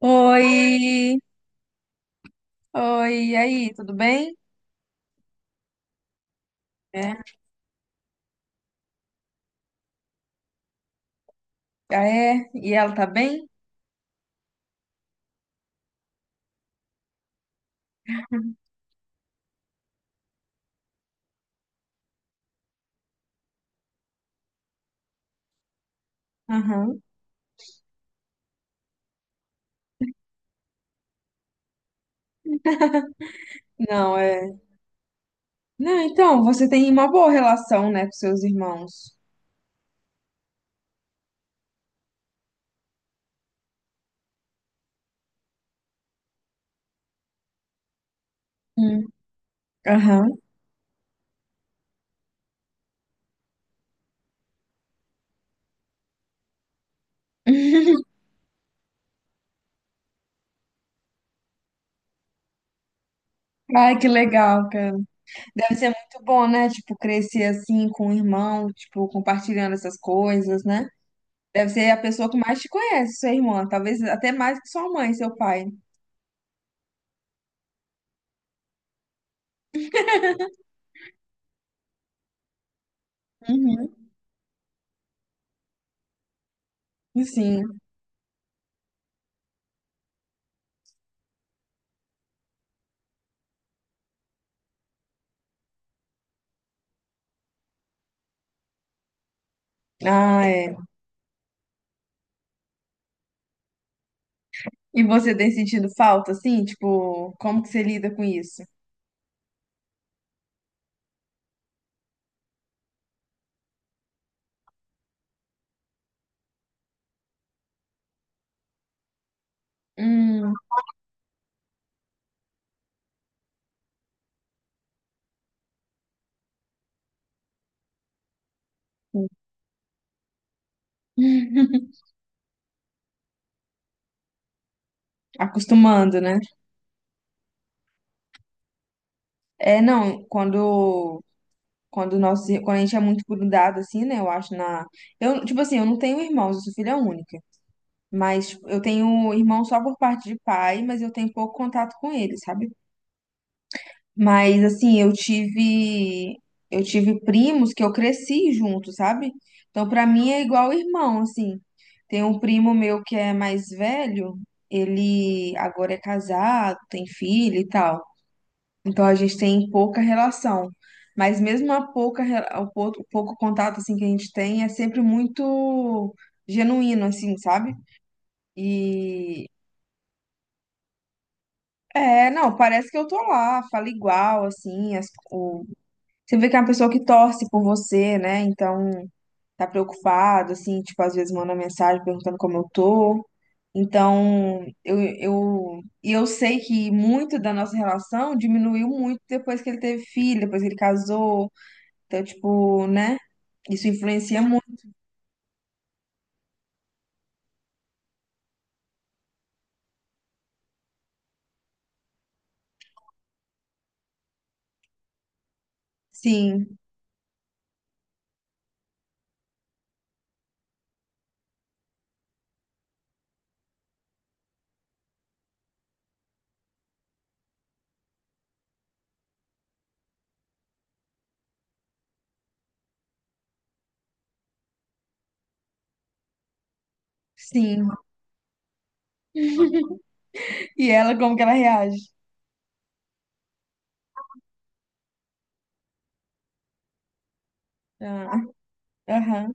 Oi, oi, e aí, tudo bem? É, ah, é, e ela tá bem? Aham. Não, é. Não, então, você tem uma boa relação, né, com seus irmãos. Hum. Aham. Ai, que legal, cara. Deve ser muito bom, né? Tipo, crescer assim com o irmão, tipo, compartilhando essas coisas, né? Deve ser a pessoa que mais te conhece, sua irmã. Talvez até mais que sua mãe, seu pai. Uhum. Sim. Ah, é. E você tem sentido falta, assim? Tipo, como que você lida com isso? Hum, Acostumando, né? É, não, quando quando a gente é muito grudado assim, né? Eu acho na tipo assim, eu não tenho irmãos, eu sou filha única, mas tipo, eu tenho irmão só por parte de pai, mas eu tenho pouco contato com ele, sabe? Mas assim, eu tive primos que eu cresci junto, sabe? Então pra mim é igual irmão, assim. Tem um primo meu que é mais velho, ele agora é casado, tem filho e tal. Então a gente tem pouca relação. Mas mesmo a pouca re- o pou- o pouco contato assim que a gente tem é sempre muito genuíno assim, sabe? E é, não, parece que eu tô lá, falo igual assim. Você vê que é uma pessoa que torce por você, né? Então, tá preocupado, assim, tipo, às vezes manda mensagem perguntando como eu tô. Então, e eu sei que muito da nossa relação diminuiu muito depois que ele teve filho, depois que ele casou. Então, tipo, né? Isso influencia muito. Sim, sim. E ela, como que ela reage? Ah, aham,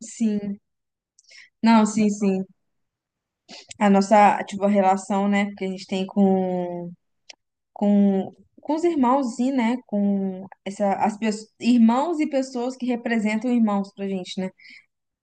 sim. Não, sim, sim. A nossa, tipo, a relação, né, que a gente tem com, com os irmãos e, né, com essa, as pessoas, irmãos e pessoas que representam irmãos pra gente, né?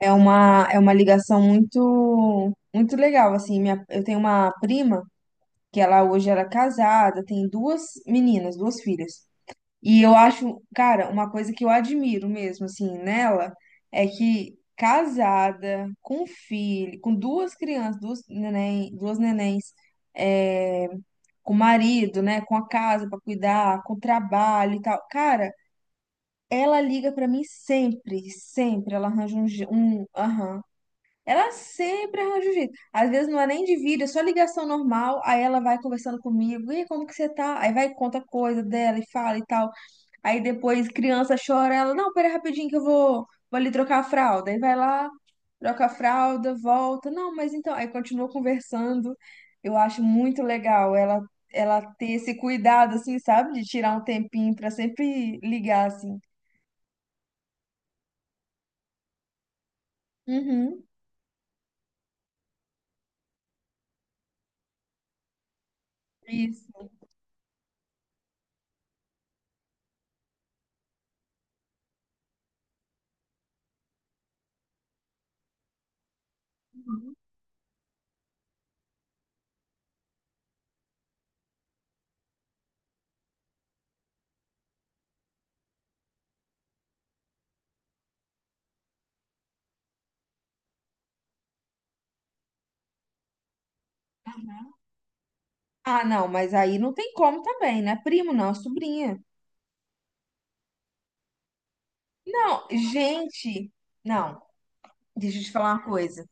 É uma ligação muito, muito legal, assim, minha, eu tenho uma prima que ela hoje era casada, tem duas meninas, duas filhas. E eu acho, cara, uma coisa que eu admiro mesmo, assim, nela, é que casada, com filho, com duas crianças, duas neném, duas nenéns, eh, com o marido, né, com a casa para cuidar, com o trabalho e tal. Cara, ela liga para mim sempre, sempre. Ela arranja um, aham. Ela sempre arranja um jeito. Às vezes não é nem de vídeo, é só ligação normal. Aí ela vai conversando comigo. E aí, como que você tá? Aí vai e conta coisa dela e fala e tal. Aí depois criança chora, ela, não, pera rapidinho que eu vou ali trocar a fralda. Aí vai lá, troca a fralda, volta. Não, mas então, aí continua conversando. Eu acho muito legal ela ter esse cuidado assim, sabe? De tirar um tempinho pra sempre ligar assim. Uhum. Isso. Ah, não, mas aí não tem como também, né? Primo não, é sobrinha. Não, gente, não. Deixa eu te falar uma coisa.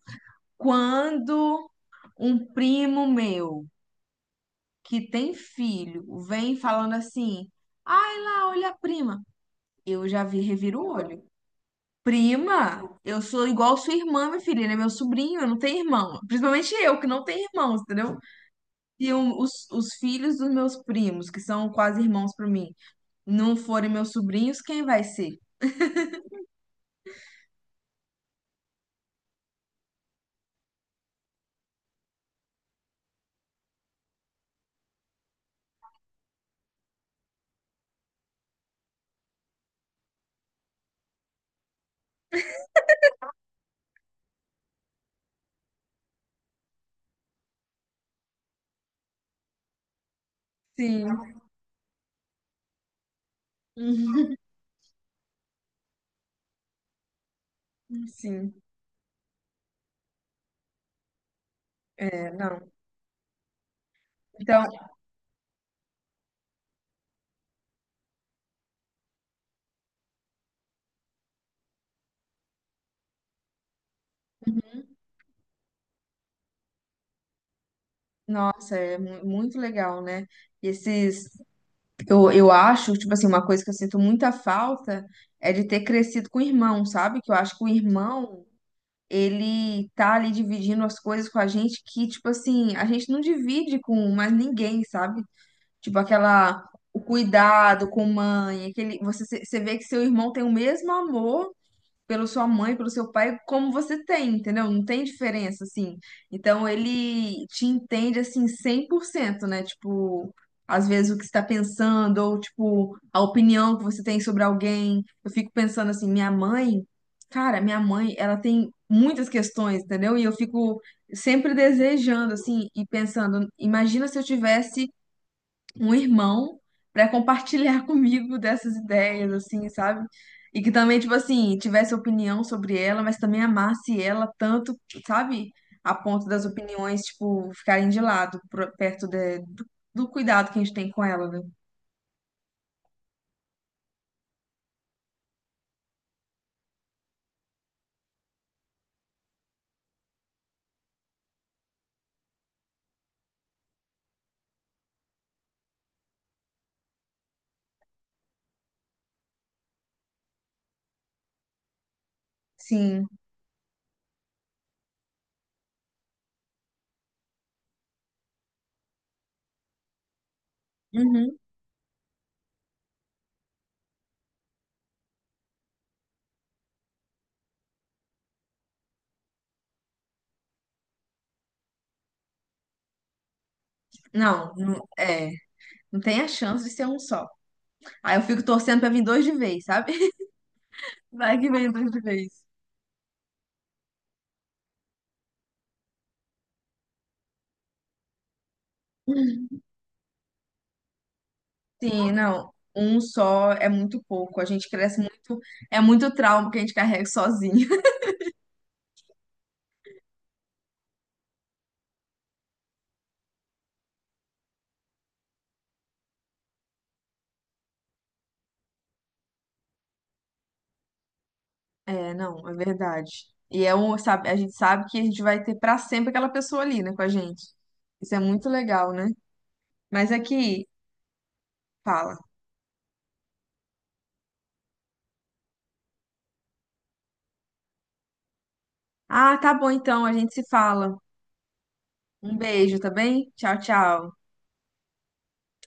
Quando um primo meu que tem filho vem falando assim: ai lá, olha a prima. Eu já vi, reviro o olho. Prima, eu sou igual sua irmã, minha filha, ele é meu sobrinho, eu não tenho irmão. Principalmente eu, que não tenho irmãos, entendeu? Se os filhos dos meus primos, que são quase irmãos pra mim, não forem meus sobrinhos, quem vai ser? Sim. Uhum. Sim. É, não. Então, nossa, é muito legal, né? Esses eu acho, tipo assim, uma coisa que eu sinto muita falta é de ter crescido com o irmão, sabe? Que eu acho que o irmão, ele tá ali dividindo as coisas com a gente que, tipo assim, a gente não divide com mais ninguém, sabe? Tipo aquela, o cuidado com mãe, aquele, você vê que seu irmão tem o mesmo amor pela sua mãe, pelo seu pai, como você tem, entendeu? Não tem diferença, assim. Então ele te entende, assim, 100%, né? Tipo, às vezes o que você tá pensando, ou, tipo, a opinião que você tem sobre alguém. Eu fico pensando assim, minha mãe, cara, minha mãe, ela tem muitas questões, entendeu? E eu fico sempre desejando, assim, e pensando, imagina se eu tivesse um irmão para compartilhar comigo dessas ideias, assim, sabe? E que também, tipo assim, tivesse opinião sobre ela, mas também amasse ela tanto, sabe? A ponto das opiniões, tipo, ficarem de lado, do cuidado que a gente tem com ela, né? Sim. Uhum. Não, não, é. Não tem a chance de ser um só. Aí eu fico torcendo pra vir dois de vez, sabe? Vai que vem dois de vez. Sim, não. Um só é muito pouco. A gente cresce muito. É muito trauma que a gente carrega sozinho. É, não, é verdade. E é um, sabe, a gente sabe que a gente vai ter pra sempre aquela pessoa ali, né, com a gente. Isso é muito legal, né? Mas aqui, fala. Ah, tá bom então, a gente se fala. Um beijo, tá bem? Tchau, tchau.